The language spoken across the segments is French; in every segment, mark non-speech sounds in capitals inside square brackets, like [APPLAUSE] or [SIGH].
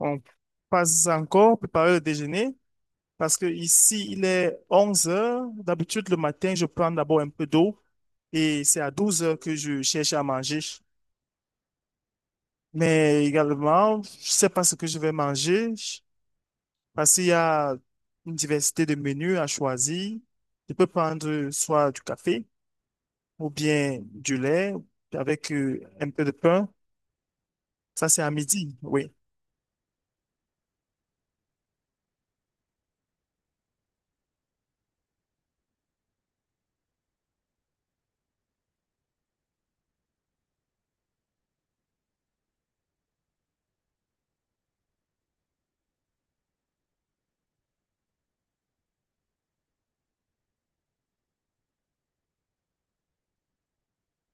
On passe encore préparer le déjeuner parce que ici, il est 11 heures. D'habitude, le matin, je prends d'abord un peu d'eau et c'est à 12 heures que je cherche à manger. Mais également, je sais pas ce que je vais manger parce qu'il y a une diversité de menus à choisir. Je peux prendre soit du café ou bien du lait avec un peu de pain. Ça, c'est à midi, oui.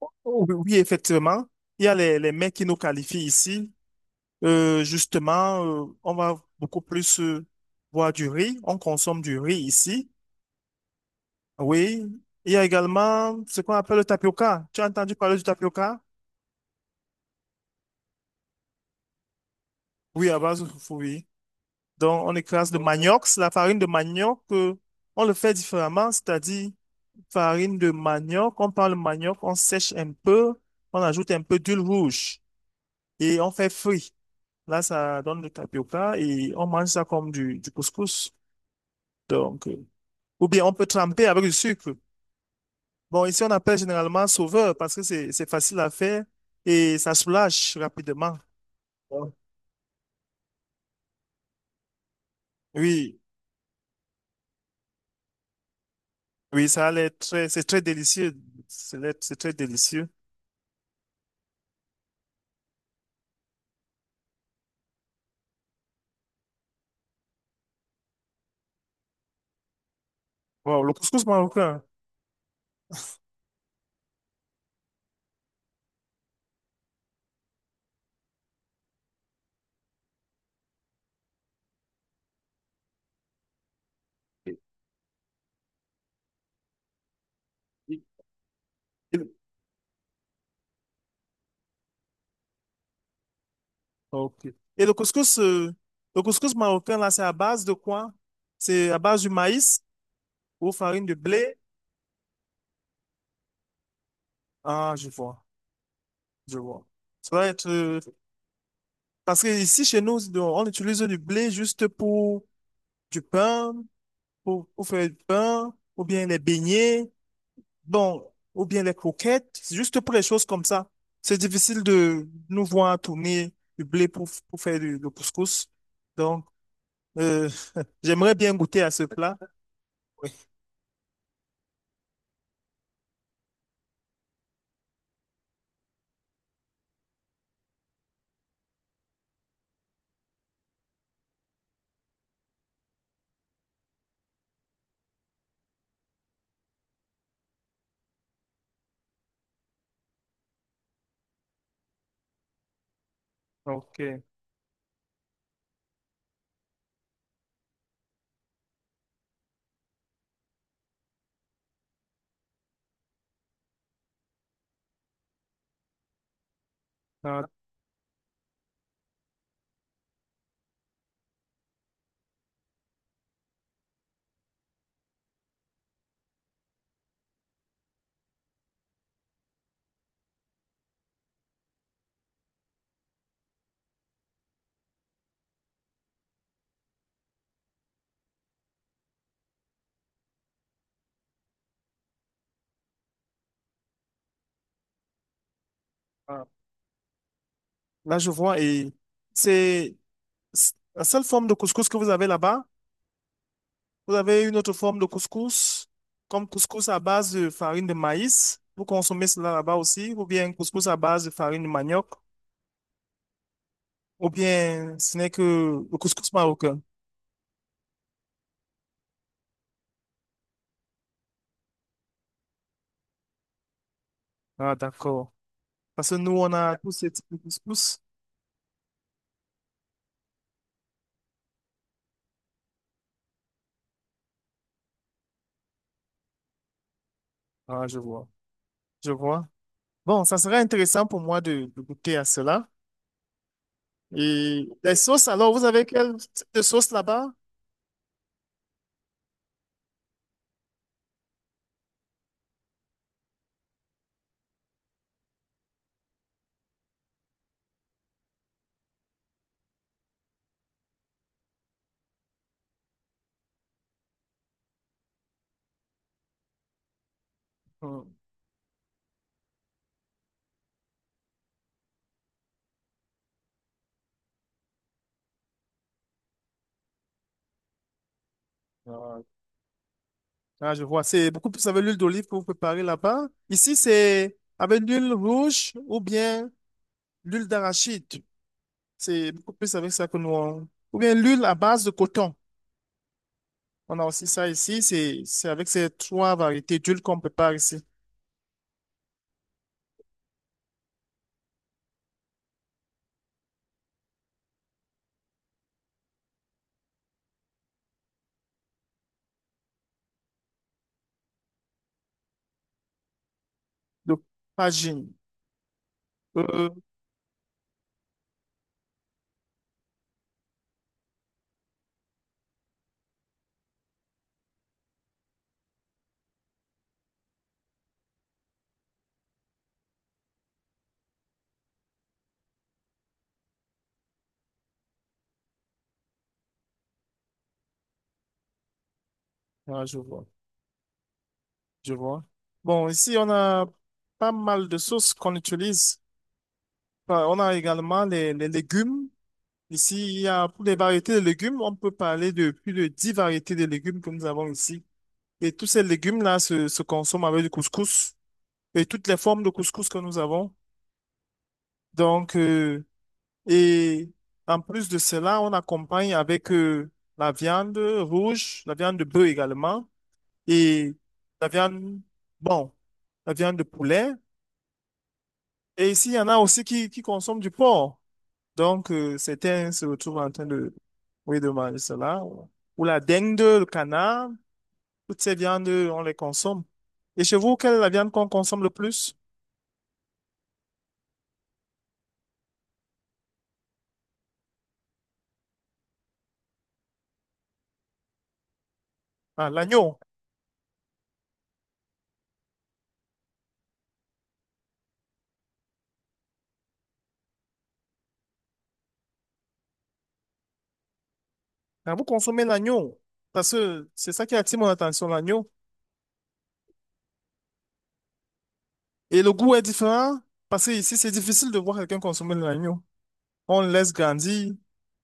Oh, oui, oui, effectivement. Il y a les mets qui nous qualifient ici. Justement, on va beaucoup plus boire du riz. On consomme du riz ici. Oui. Il y a également ce qu'on appelle le tapioca. Tu as entendu parler du tapioca? Oui, à base de foufou, oui. Donc, on écrase le manioc. C'est la farine de manioc, on le fait différemment, c'est-à-dire farine de manioc. On prend le manioc, on sèche un peu, on ajoute un peu d'huile rouge et on fait frit. Là, ça donne le tapioca et on mange ça comme du couscous. Donc, euh, Ou bien on peut tremper avec du sucre. Bon, ici on appelle généralement sauveur parce que c'est facile à faire et ça soulage rapidement. Bon. Oui, oui, ça a l'air très, c'est très délicieux. C'est très délicieux. Wow, le couscous marocain. Et le Ok. Et le couscous marocain, là, c'est à base de quoi? C'est à base du maïs ou farine de blé? Ah, je vois, je vois. Ça doit être, euh, Parce que ici, chez nous, on utilise du blé juste pour du pain pour faire le pain, ou bien les beignets, bon, ou bien les croquettes, c'est juste pour les choses comme ça. C'est difficile de nous voir tourner du blé pour faire le couscous. Donc, euh, [LAUGHS] J'aimerais bien goûter à ce plat. Oui. Ok. Ah, ah. Là, je vois, et c'est c'est la seule forme de couscous que vous avez là-bas. Vous avez une autre forme de couscous, comme couscous à base de farine de maïs. Vous consommez cela là-bas aussi, ou bien couscous à base de farine de manioc. Ou bien ce n'est que le couscous marocain. Ah, d'accord. Parce que nous, on a tous ces types de couscous. Ah, je vois. Je vois. Bon, ça serait intéressant pour moi de goûter à cela. Et les sauces, alors, vous avez quel type de sauce là-bas? Hmm. Ah. Ah, je vois. C'est beaucoup plus avec l'huile d'olive que vous préparez là-bas. Ici, c'est avec l'huile rouge ou bien l'huile d'arachide. C'est beaucoup plus avec ça que nous. Ou bien l'huile à base de coton. On a aussi ça ici. C'est avec ces 3 variétés d'huile qu'on prépare ici. Donc, Fajin. Euh, ah, je vois, je vois. Bon, ici, on a pas mal de sauces qu'on utilise. Enfin, on a également les légumes. Ici, il y a pour les variétés de légumes, on peut parler de plus de 10 variétés de légumes que nous avons ici. Et tous ces légumes-là se consomment avec du couscous et toutes les formes de couscous que nous avons. Donc, euh, et en plus de cela, on accompagne avec la viande rouge, la viande de bœuf également. Et la viande, bon, la viande de poulet. Et ici, il y en a aussi qui consomment du porc. Certains se retrouvent en train de, oui, de manger cela. Ou la dengue, le canard, toutes ces viandes, on les consomme. Et chez vous, quelle est la viande qu'on consomme le plus? Ah, l'agneau. Ah, vous consommez l'agneau. Parce que c'est ça qui attire mon attention, l'agneau. Et le goût est différent parce que ici, c'est difficile de voir quelqu'un consommer de l'agneau. On le laisse grandir.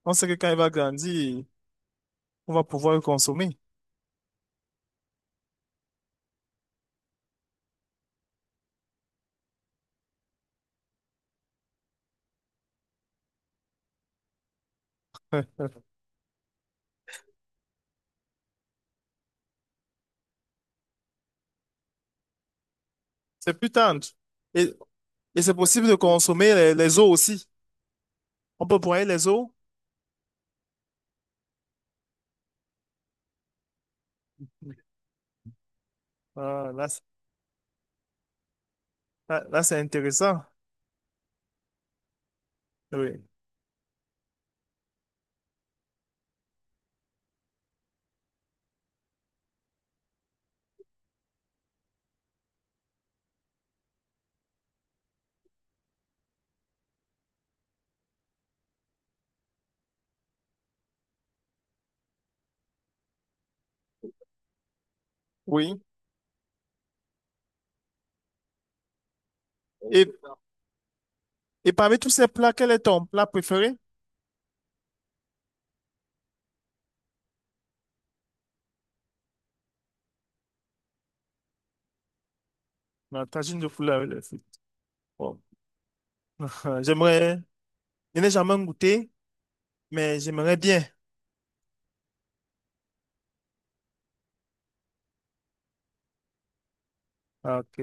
On sait que quand il va grandir, on va pouvoir le consommer. C'est plus tendre. Et, et c'est possible de consommer les os aussi. On peut broyer les os. Ah, là, c'est intéressant. Oui. Oui. Et, et parmi tous ces plats, quel est ton plat préféré? La tagine de poulet avec les frites. Bon. [LAUGHS] J'aimerais, je n'ai jamais goûté, mais j'aimerais bien. Ok.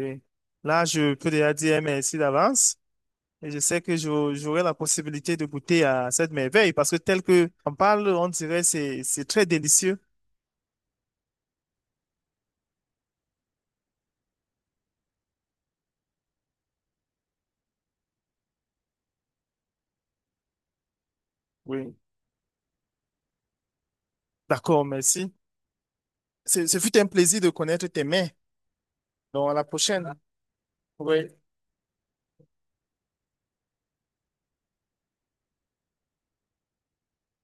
Là, je peux déjà dire merci d'avance. Et je sais que j'aurai la possibilité de goûter à cette merveille parce que tel que on parle, on dirait c'est très délicieux. Oui. D'accord, merci. Ce fut un plaisir de connaître tes mains. Donc à la prochaine. Oui.